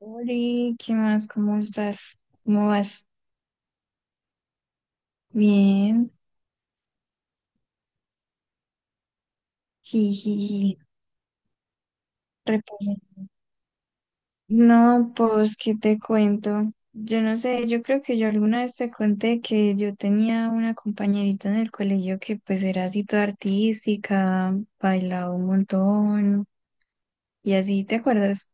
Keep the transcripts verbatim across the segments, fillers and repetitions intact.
Oli, ¿qué más? ¿Cómo estás? ¿Cómo vas? Bien, jiji, reposo. No, pues, ¿qué te cuento? Yo no sé, yo creo que yo alguna vez te conté que yo tenía una compañerita en el colegio que pues era así toda artística, bailaba un montón y así, ¿te acuerdas?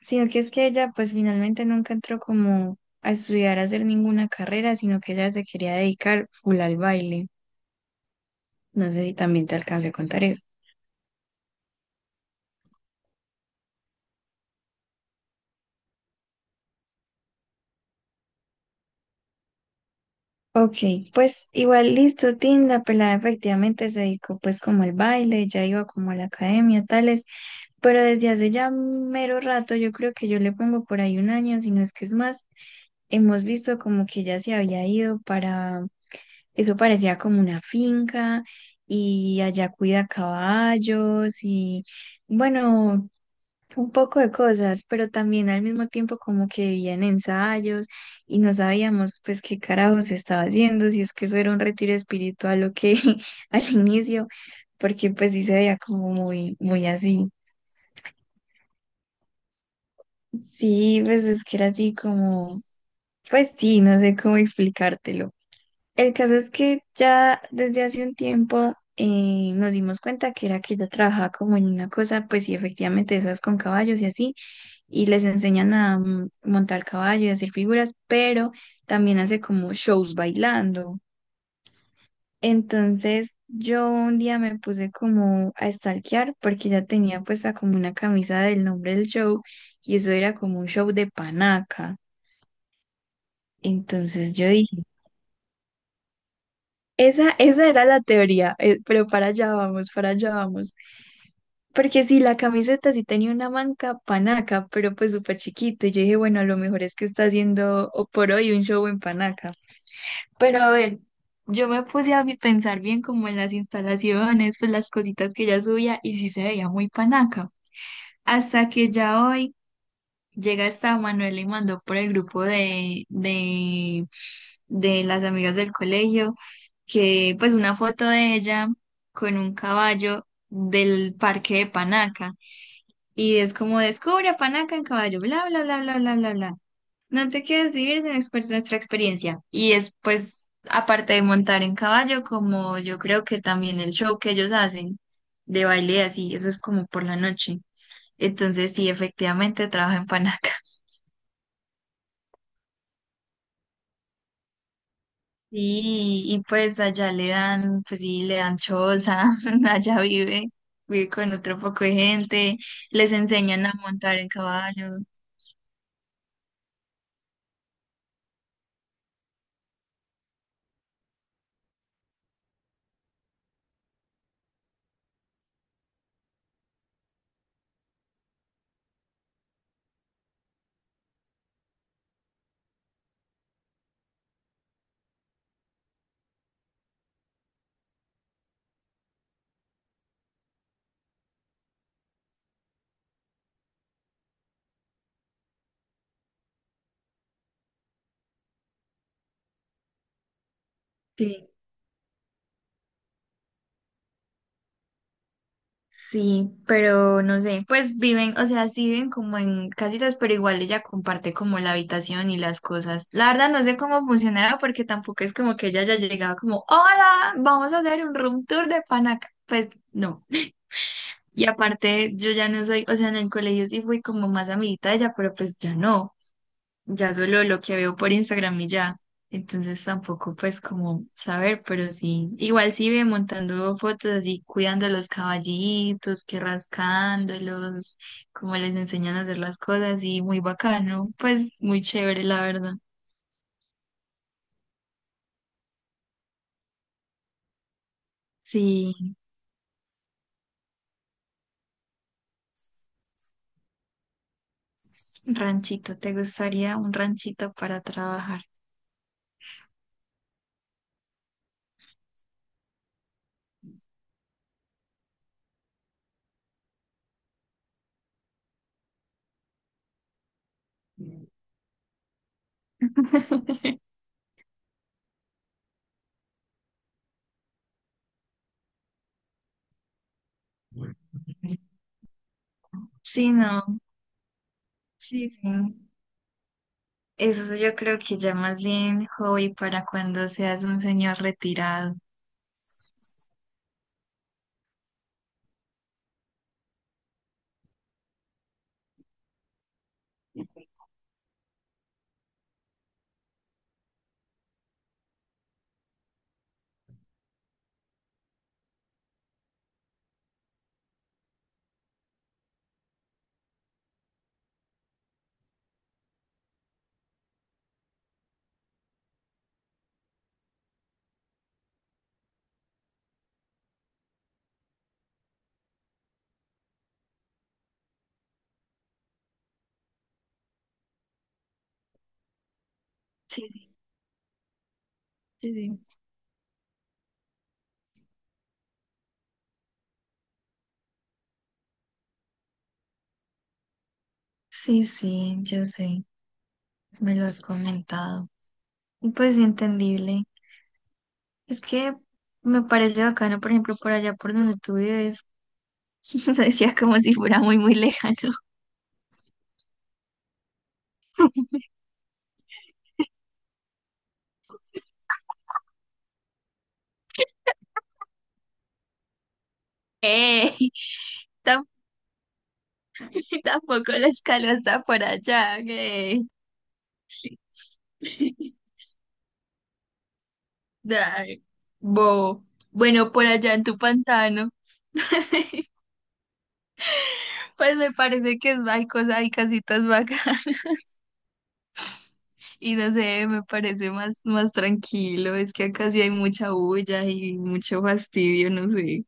Sino que es que ella pues finalmente nunca entró como a estudiar, a hacer ninguna carrera, sino que ella se quería dedicar full al baile. No sé si también te alcancé a contar eso. Ok, pues igual listo, Tim, la pelada efectivamente se dedicó pues como al baile, ya iba como a la academia, tales, pero desde hace ya mero rato, yo creo que yo le pongo por ahí un año, si no es que es más, hemos visto como que ya se había ido para, eso parecía como una finca y allá cuida caballos y bueno, un poco de cosas, pero también al mismo tiempo como que vivían ensayos y no sabíamos pues qué carajos estaba haciendo, si es que eso era un retiro espiritual o qué al inicio, porque pues sí se veía como muy, muy así. Sí, pues es que era así como, pues sí, no sé cómo explicártelo. El caso es que ya desde hace un tiempo eh, nos dimos cuenta que era que ella trabajaba como en una cosa, pues sí, efectivamente esas con caballos y así y les enseñan a mm, montar caballo y hacer figuras, pero también hace como shows bailando. Entonces yo un día me puse como a stalkear porque ya tenía puesta como una camisa del nombre del show y eso era como un show de panaca. Entonces yo dije, esa, esa era la teoría, eh, pero para allá vamos, para allá vamos. Porque sí, la camiseta sí tenía una manca panaca, pero pues súper chiquito. Y yo dije, bueno, a lo mejor es que está haciendo o por hoy un show en panaca. Pero a ver, yo me puse a mi- pensar bien como en las instalaciones, pues las cositas que ella subía y sí se veía muy panaca. Hasta que ya hoy llega esta Manuela y mandó por el grupo de, de, de las amigas del colegio que pues una foto de ella con un caballo del parque de Panaca y es como descubre a Panaca en caballo, bla, bla, bla, bla, bla, bla, bla. No te quedes vivir de exper- Nuestra experiencia. Y es pues, aparte de montar en caballo, como yo creo que también el show que ellos hacen de baile y así, eso es como por la noche. Entonces sí, efectivamente trabaja en Panaca. Y, y pues allá le dan, pues sí, le dan choza, allá vive, vive con otro poco de gente, les enseñan a montar en caballo. Sí. Sí, pero no sé, pues viven, o sea, sí viven como en casitas, pero igual ella comparte como la habitación y las cosas. La verdad no sé cómo funcionará porque tampoco es como que ella haya llegado como, hola, vamos a hacer un room tour de Panaca. Pues no. Y aparte yo ya no soy, o sea, en el colegio sí fui como más amiguita de ella, pero pues ya no, ya solo lo que veo por Instagram y ya. Entonces tampoco pues como saber, pero sí, igual sí ve montando fotos así, cuidando los caballitos, que rascándolos, como les enseñan a hacer las cosas y muy bacano, pues muy chévere la verdad. Sí, ranchito, ¿te gustaría un ranchito para trabajar? Sí, no, sí, sí. Eso yo creo que ya más bien hobby para cuando seas un señor retirado. Sí, sí, sí. Sí, sí, yo sé, me lo has comentado. Y pues entendible. Es que me parece bacano, por ejemplo, por allá por donde tú vives, se decía como si fuera muy, muy lejano. ¡Ey! Tamp- tampoco la escala está por allá, ¡ey! Ay, bo. Bueno, por allá en tu pantano, pues me parece que es, hay cosas, hay casitas bacanas y no sé, me parece más, más tranquilo. Es que acá sí hay mucha bulla y mucho fastidio, no sé.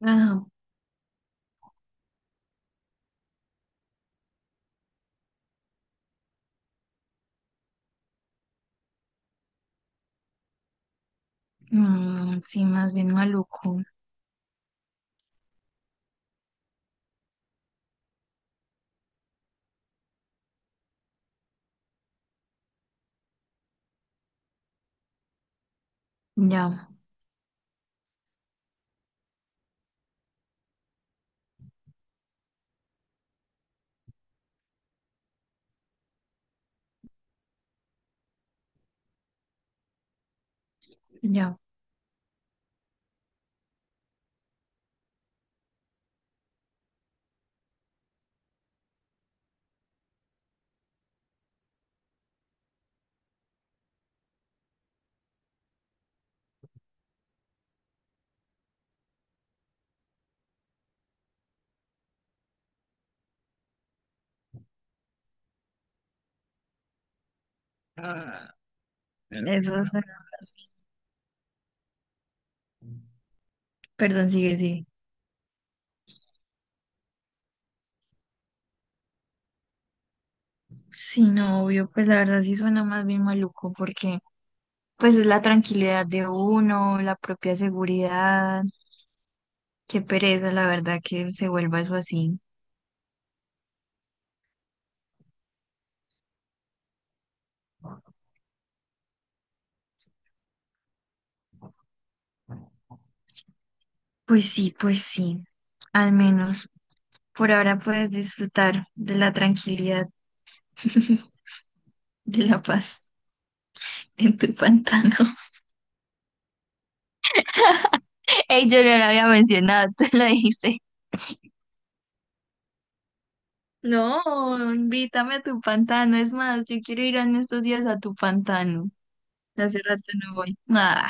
Ajá. Mm, sí, más bien maluco. Ya, ya. Eso suena más bien. Perdón, sigue, sigue. Sí, no, obvio, pues la verdad sí suena más bien maluco porque pues es la tranquilidad de uno, la propia seguridad. Qué pereza, la verdad, que se vuelva eso así. Pues sí, pues sí. Al menos por ahora puedes disfrutar de la tranquilidad, de la paz en tu pantano. Ey, yo no lo había mencionado, tú lo dijiste. No, invítame a tu pantano. Es más, yo quiero ir en estos días a tu pantano. Hace rato no voy. Ah.